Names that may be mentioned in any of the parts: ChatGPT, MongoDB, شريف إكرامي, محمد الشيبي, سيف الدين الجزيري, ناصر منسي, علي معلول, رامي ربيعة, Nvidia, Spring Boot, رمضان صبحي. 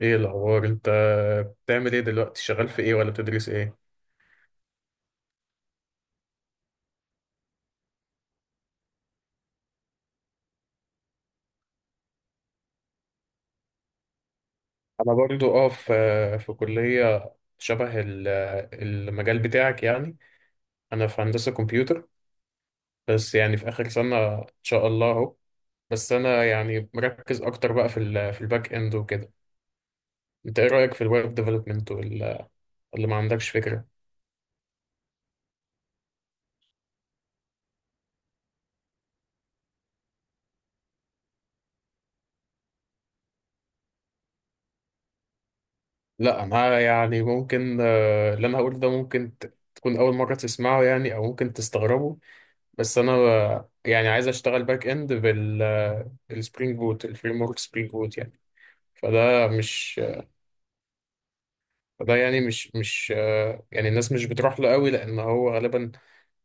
ايه الاخبار انت؟ بتعمل ايه دلوقتي؟ شغال في ايه ولا بتدرس ايه؟ انا برضو في كليه شبه المجال بتاعك يعني. انا في هندسه كمبيوتر، بس يعني في اخر سنه ان شاء الله اهو. بس انا يعني مركز اكتر بقى في في الباك اند وكده. انت ايه رايك في الويب ديفلوبمنت، ولا ما عندكش فكره؟ لا انا يعني ممكن اللي انا هقوله ده ممكن تكون اول مره تسمعه يعني، او ممكن تستغربه. بس انا يعني عايز اشتغل باك اند بال السبرينج بوت، الفريم ورك سبرينج بوت يعني. فده مش فده يعني مش يعني الناس مش بتروح له قوي، لان هو غالبا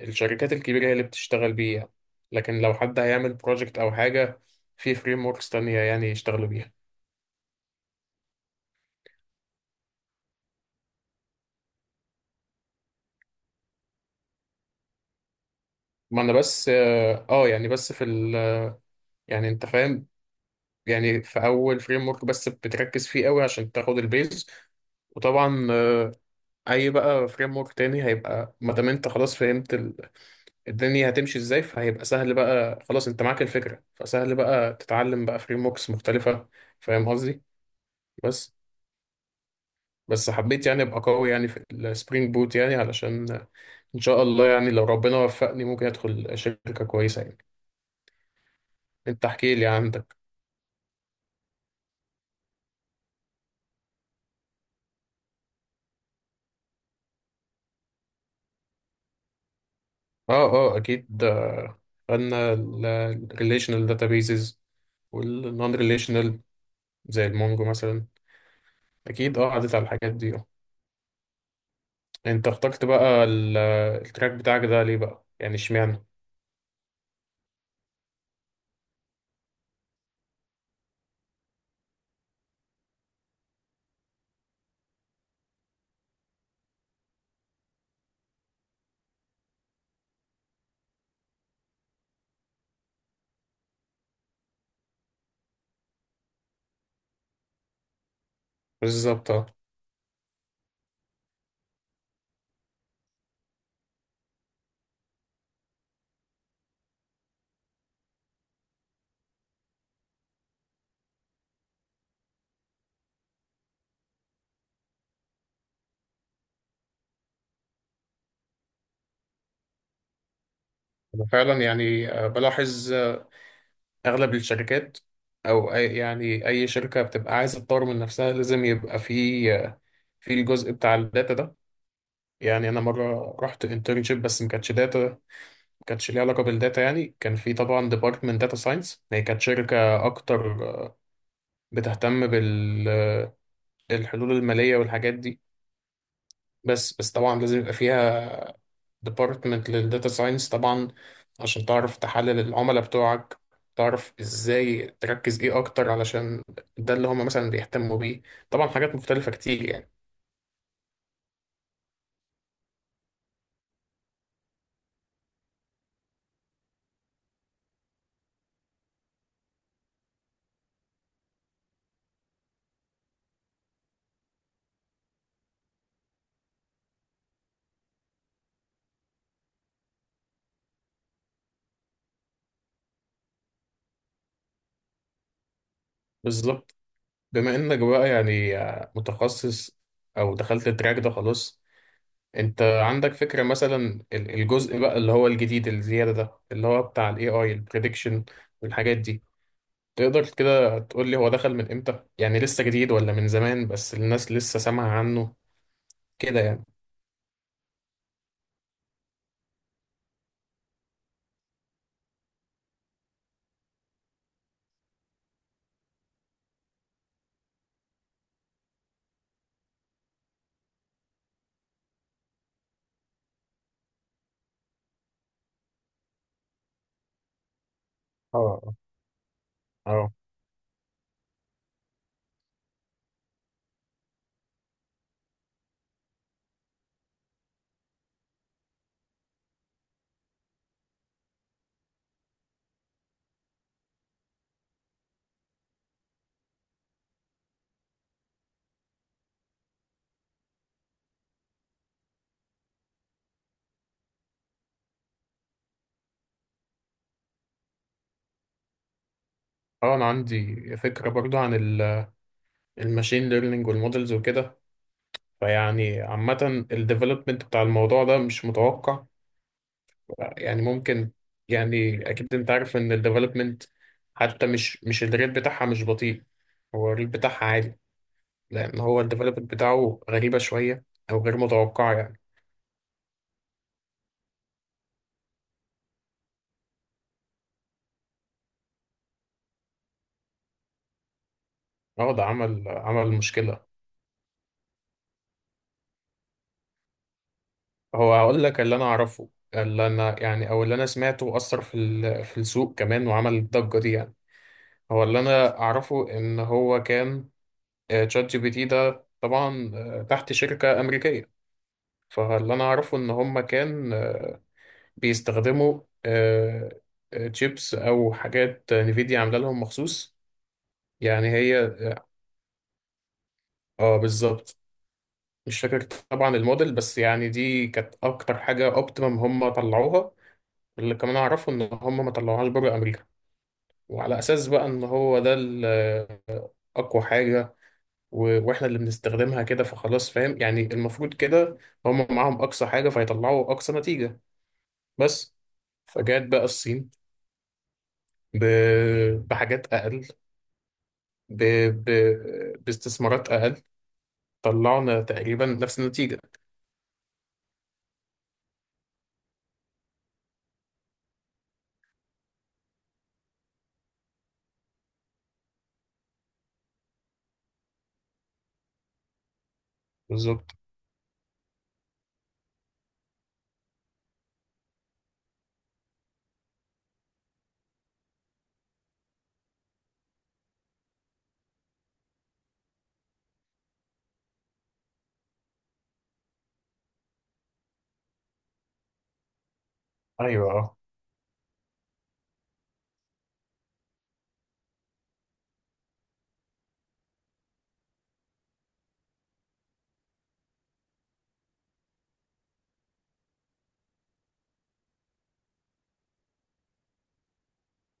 الشركات الكبيره هي اللي بتشتغل بيه يعني. لكن لو حد هيعمل بروجكت او حاجه، في فريم وركس تانية يعني يشتغلوا بيها. ما انا بس يعني بس في ال يعني انت فاهم، يعني في اول فريم ورك بس بتركز فيه قوي عشان تاخد البيز. وطبعا اي بقى فريم ورك تاني هيبقى، ما دام انت خلاص فهمت الدنيا هتمشي ازاي، فهيبقى سهل بقى، خلاص انت معاك الفكره، فسهل بقى تتعلم بقى فريم وركس مختلفه. فاهم قصدي؟ بس حبيت يعني ابقى قوي يعني في السبرينج بوت يعني، علشان ان شاء الله يعني لو ربنا وفقني ممكن ادخل شركه كويسه يعني. انت احكي لي عندك. اه اه اكيد آه، خدنا الريليشنال داتابيزز والنون ريليشنال، زي المونجو مثلا. اكيد اه عدت على الحاجات دي. انت اخترت بقى التراك بتاعك ده ليه بقى يعني؟ اشمعنى؟ بالظبط اه. انا فعلا يعني بلاحظ آه، اغلب الشركات، او أي يعني اي شركه بتبقى عايزه تطور من نفسها، لازم يبقى في آه، في الجزء بتاع الداتا ده. يعني انا مره رحت انترنشيب، بس ما كانتش داتا، ما كانتش ليها علاقه بالداتا يعني. كان في طبعا ديبارتمنت داتا ساينس، هي كانت شركه اكتر آه، بتهتم بالحلول الماليه والحاجات دي، بس طبعا لازم يبقى فيها ديبارتمنت للداتا ساينس طبعا، عشان تعرف تحلل العملاء بتوعك، تعرف ازاي تركز ايه اكتر، علشان ده اللي هم مثلا بيهتموا بيه. طبعا حاجات مختلفة كتير يعني. بالظبط. بما انك بقى يعني آه، متخصص او دخلت التراك ده خلاص، انت عندك فكرة مثلا الجزء بقى اللي هو الجديد الزيادة ده، اللي هو بتاع الاي اي البريدكشن والحاجات دي؟ تقدر كده تقول لي هو دخل من امتى؟ يعني لسه جديد ولا من زمان بس الناس لسه سامعة عنه كده يعني. اه اه اه انا عندي فكره برضو عن الماشين ليرنينج والمودلز وكده. فيعني عامه الديفلوبمنت بتاع الموضوع ده مش متوقع يعني. ممكن يعني اكيد انت عارف ان الديفلوبمنت، حتى مش الريت بتاعها مش بطيء، هو الريت بتاعها عالي، لان هو الديفلوبمنت بتاعه غريبه شويه او غير متوقعه يعني. اه ده عمل مشكله. هو هقول لك اللي انا اعرفه، اللي انا يعني او اللي انا سمعته اثر في السوق كمان وعمل الضجه دي يعني. هو اللي انا اعرفه ان هو كان آه، تشات جي بي تي ده طبعا آه، تحت شركة امريكية، فاللي انا اعرفه ان هم كان آه، بيستخدموا تشيبس او حاجات نفيديا عامله لهم مخصوص. يعني هي، اه بالظبط، مش فاكر طبعا الموديل، بس يعني دي كانت اكتر حاجة اوبتيمم هم طلعوها. اللي كمان اعرفه ان هم ما طلعوهاش بره امريكا، وعلى اساس بقى ان هو ده اقوى حاجة واحنا اللي بنستخدمها كده، فخلاص فاهم يعني، المفروض كده هم معاهم اقصى حاجه فيطلعوا اقصى نتيجه. بس فجات بقى الصين ب... بحاجات اقل، ب... باستثمارات اقل، طلعنا تقريبا نفس النتيجه. بالظبط، ايوه اه،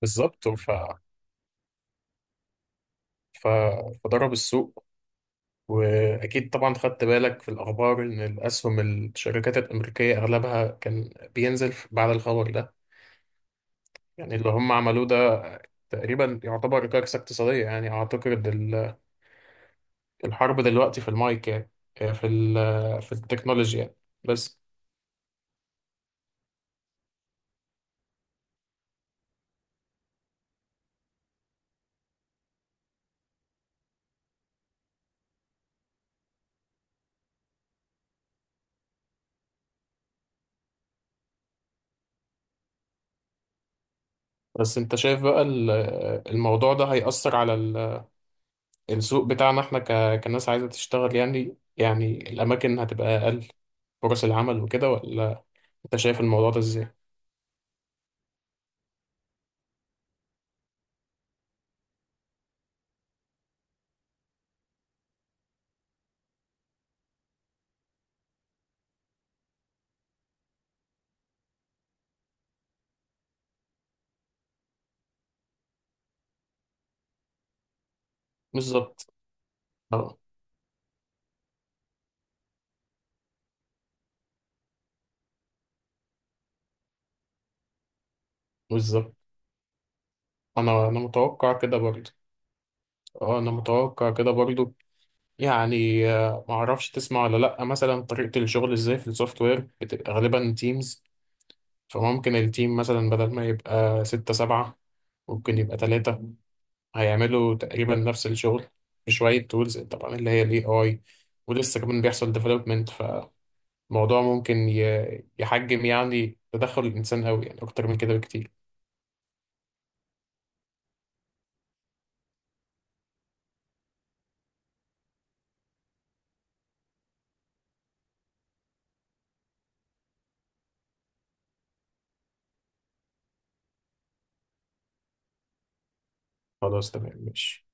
بالظبط. ف... فضرب السوق، واكيد طبعا خدت بالك في الاخبار ان الاسهم الشركات الامريكيه اغلبها كان بينزل بعد الخبر ده. يعني اللي هم عملوه ده تقريبا يعتبر كارثة اقتصادية يعني. أعتقد الحرب دلوقتي في المايك يعني، آه، في التكنولوجيا يعني. بس. بس أنت شايف بقى الموضوع ده هيأثر على السوق بتاعنا إحنا كناس عايزة تشتغل يعني؟ يعني الأماكن هتبقى أقل، فرص العمل وكده، ولا أنت شايف الموضوع ده إزاي؟ بالظبط. أه بالظبط. أنا متوقع كده برضه. أه أنا متوقع كده برضه. يعني آه، ما اعرفش تسمع ولا لا، مثلا طريقة الشغل ازاي في السوفت وير، بتبقى غالبا تيمز، فممكن التيم مثلا بدل ما يبقى 6 7، ممكن يبقى 3، هيعملوا تقريبا نفس الشغل بشوية تولز طبعا اللي هي الاي اي. ولسه كمان بيحصل ديفلوبمنت فالموضوع، ممكن يحجم يعني تدخل الإنسان قوي يعني أكتر من كده بكتير. خلاص تمام ماشي.